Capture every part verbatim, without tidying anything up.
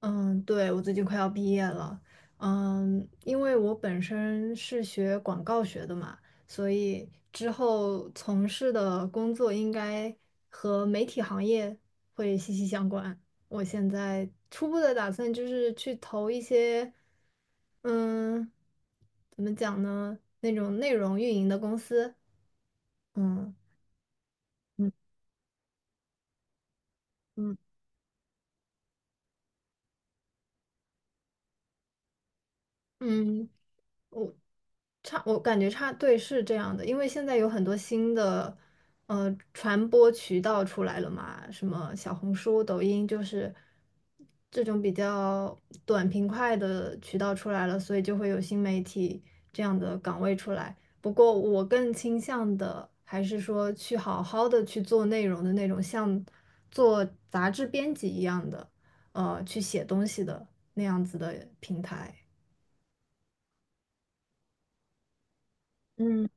嗯，对，我最近快要毕业了，嗯，因为我本身是学广告学的嘛，所以之后从事的工作应该和媒体行业会息息相关。我现在初步的打算就是去投一些，嗯，怎么讲呢，那种内容运营的公司，嗯嗯嗯，嗯。差，我感觉差，对，是这样的，因为现在有很多新的呃传播渠道出来了嘛，什么小红书、抖音，就是这种比较短平快的渠道出来了，所以就会有新媒体这样的岗位出来。不过我更倾向的还是说去好好的去做内容的那种，像做杂志编辑一样的，呃，去写东西的那样子的平台。嗯，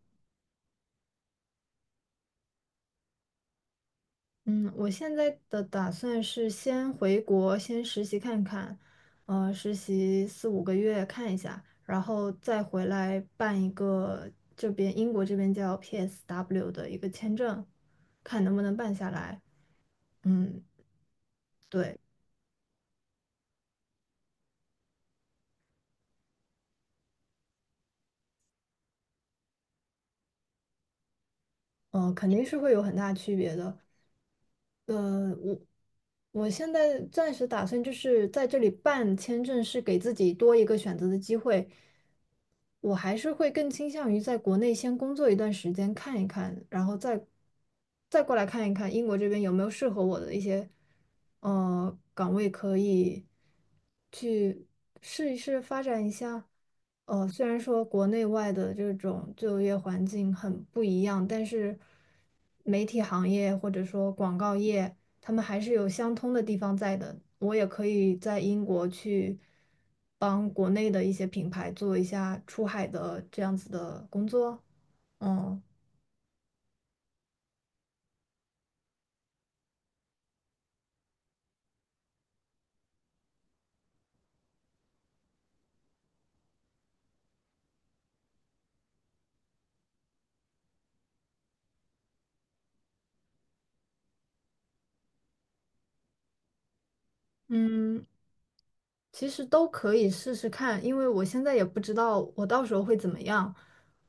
嗯，我现在的打算是先回国，先实习看看，呃，实习四五个月看一下，然后再回来办一个这边英国这边叫 P S W 的一个签证，看能不能办下来。嗯，对，呃，肯定是会有很大区别的。我现在暂时打算就是在这里办签证，是给自己多一个选择的机会。我还是会更倾向于在国内先工作一段时间，看一看，然后再再过来看一看英国这边有没有适合我的一些呃岗位，可以去试一试发展一下。呃，虽然说国内外的这种就业环境很不一样，但是媒体行业或者说广告业。他们还是有相通的地方在的。我也可以在英国去帮国内的一些品牌做一下出海的这样子的工作。嗯，嗯，其实都可以试试看，因为我现在也不知道我到时候会怎么样。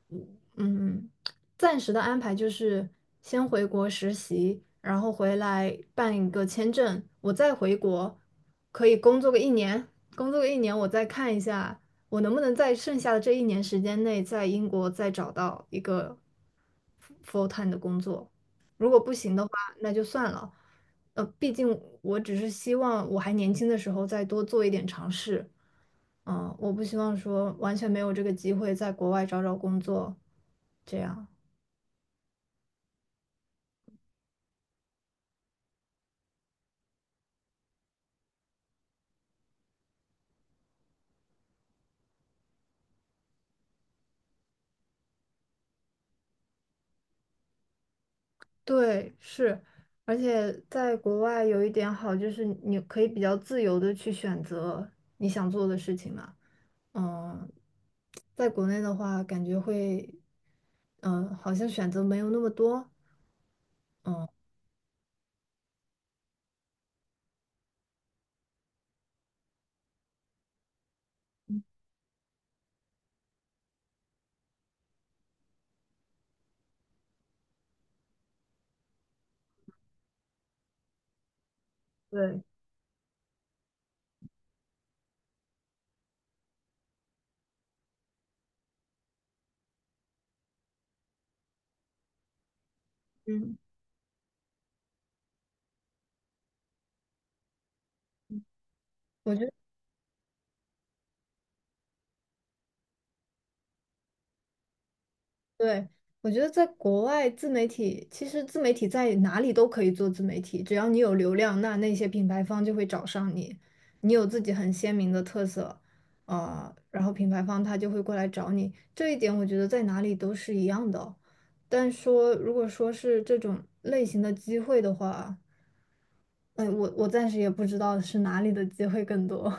嗯，嗯暂时的安排就是先回国实习，然后回来办一个签证，我再回国，可以工作个一年，工作个一年，我再看一下我能不能在剩下的这一年时间内在英国再找到一个 full time 的工作。如果不行的话，那就算了。呃，毕竟我只是希望我还年轻的时候再多做一点尝试。嗯，我不希望说完全没有这个机会在国外找找工作，这样。对，是，而且在国外有一点好就是你可以比较自由的去选择你想做的事情嘛。嗯，在国内的话，感觉会，嗯，好像选择没有那么多。对，嗯。我觉得。对，我觉得在国外自媒体，其实自媒体在哪里都可以做自媒体，只要你有流量，那那些品牌方就会找上你，你有自己很鲜明的特色，啊，然后品牌方他就会过来找你，这一点我觉得在哪里都是一样的哦。但说如果说是这种类型的机会的话，哎，我我暂时也不知道是哪里的机会更多。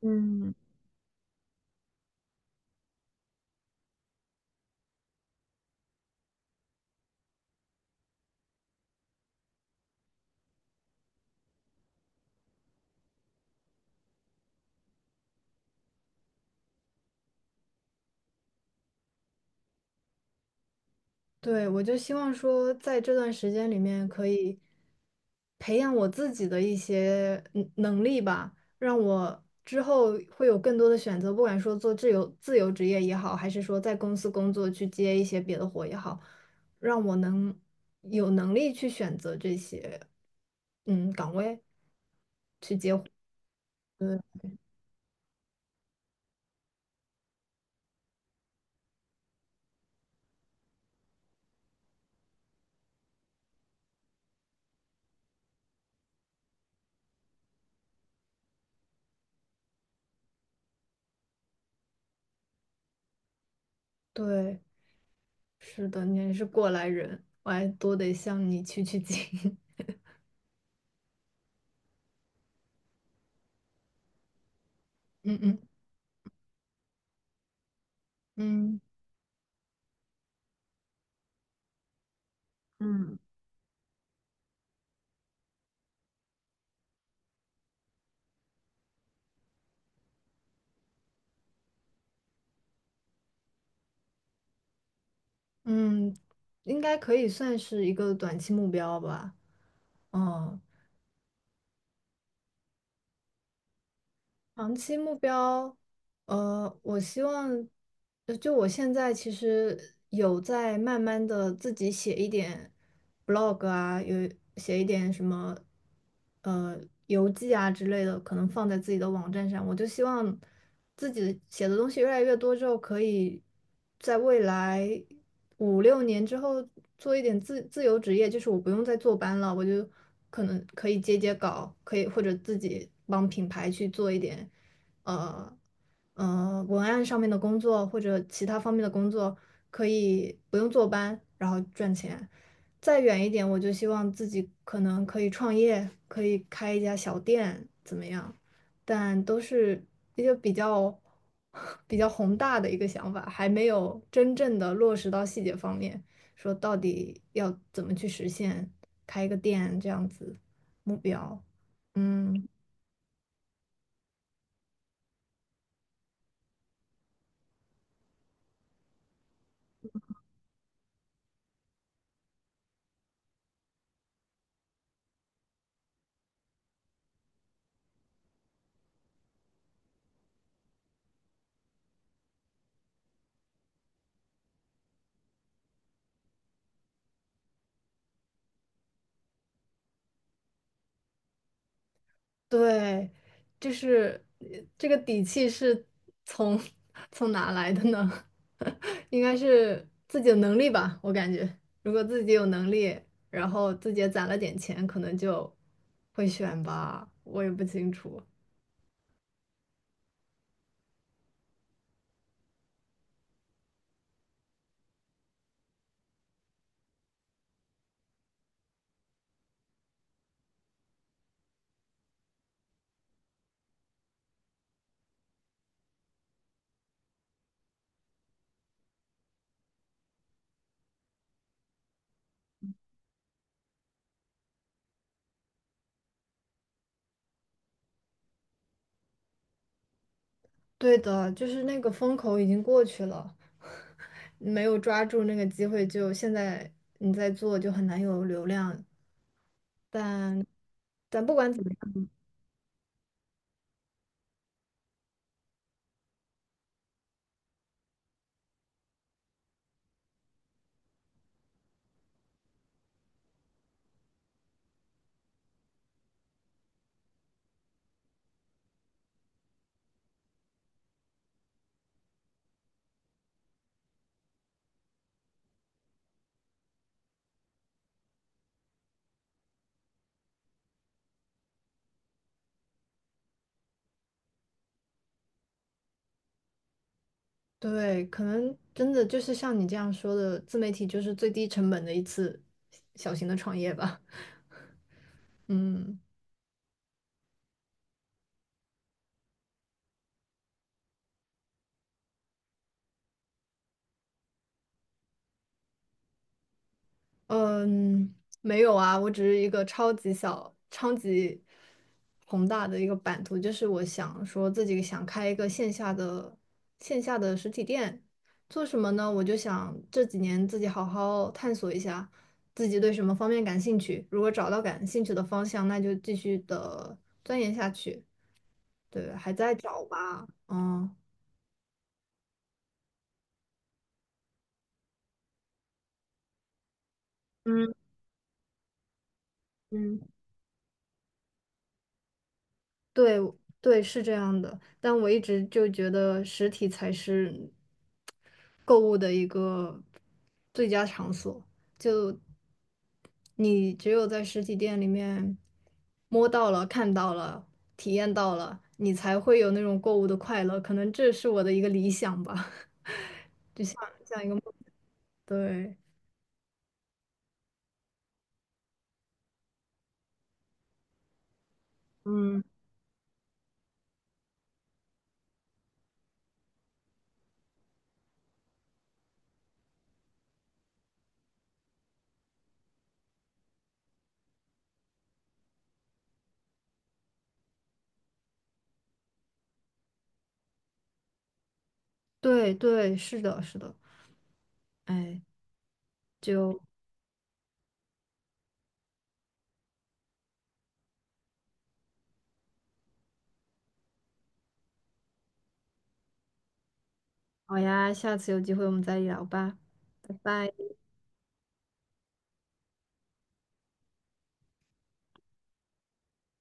嗯。对，我就希望说，在这段时间里面，可以培养我自己的一些嗯能力吧，让我之后会有更多的选择，不管说做自由自由职业也好，还是说在公司工作去接一些别的活也好，让我能有能力去选择这些嗯岗位。对对，是的，你也是过来人，我还多得向你取取经。嗯嗯嗯。嗯，应该可以算是一个短期目标吧。嗯，长期目标，呃，我希望，呃就我现在其实有在慢慢的自己写一点 blog 啊，有写一点什么，呃，游记啊之类的，可能放在自己的网站上。我就希望自己写的东西越来越多之后，可以在未来。五六年之后做一点自自由职业，就是我不用再坐班了，我就可能可以接接稿，可以或者自己帮品牌去做一点，呃呃文案上面的工作或者其他方面的工作，可以不用坐班，然后赚钱。再远一点，我就希望自己可能可以创业，可以开一家小店，怎么样？但都是一个比较 比较宏大的一个想法，还没有真正的落实到细节方面，说到底要怎么去实现开一个店这样子目标。嗯，对，就是这个底气是从 从哪来的呢？应该是自己的能力吧，我感觉，如果自己有能力，然后自己也攒了点钱，可能就会选吧，我也不清楚。对的，就是那个风口已经过去了，没有抓住那个机会就，现在你在做就很难有流量。但但不管怎么，对，可能真的就是像你这样说的，自媒体就是最低成本的一次小型的创业吧。嗯。嗯，没有啊，我只是一个超级小、超级宏大的一个版图，就是我想说自己想开一个线下的线下的实体店，做什么呢？我就想这几年自己好好探索一下自己对什么方面感兴趣，如果找到感兴趣的方向，那就继续的钻研下去。对，还在找吧，嗯。嗯。对对，是这样的，但我一直就觉得实体才是购物的一个最佳场所。就你只有在实体店里面摸到了、看到了、体验到了，你才会有那种购物的快乐。可能这是我的一个理想吧，像一个梦。对，嗯，对对，是的，是的。哎，就好呀，下次有机会我们再聊吧，拜拜。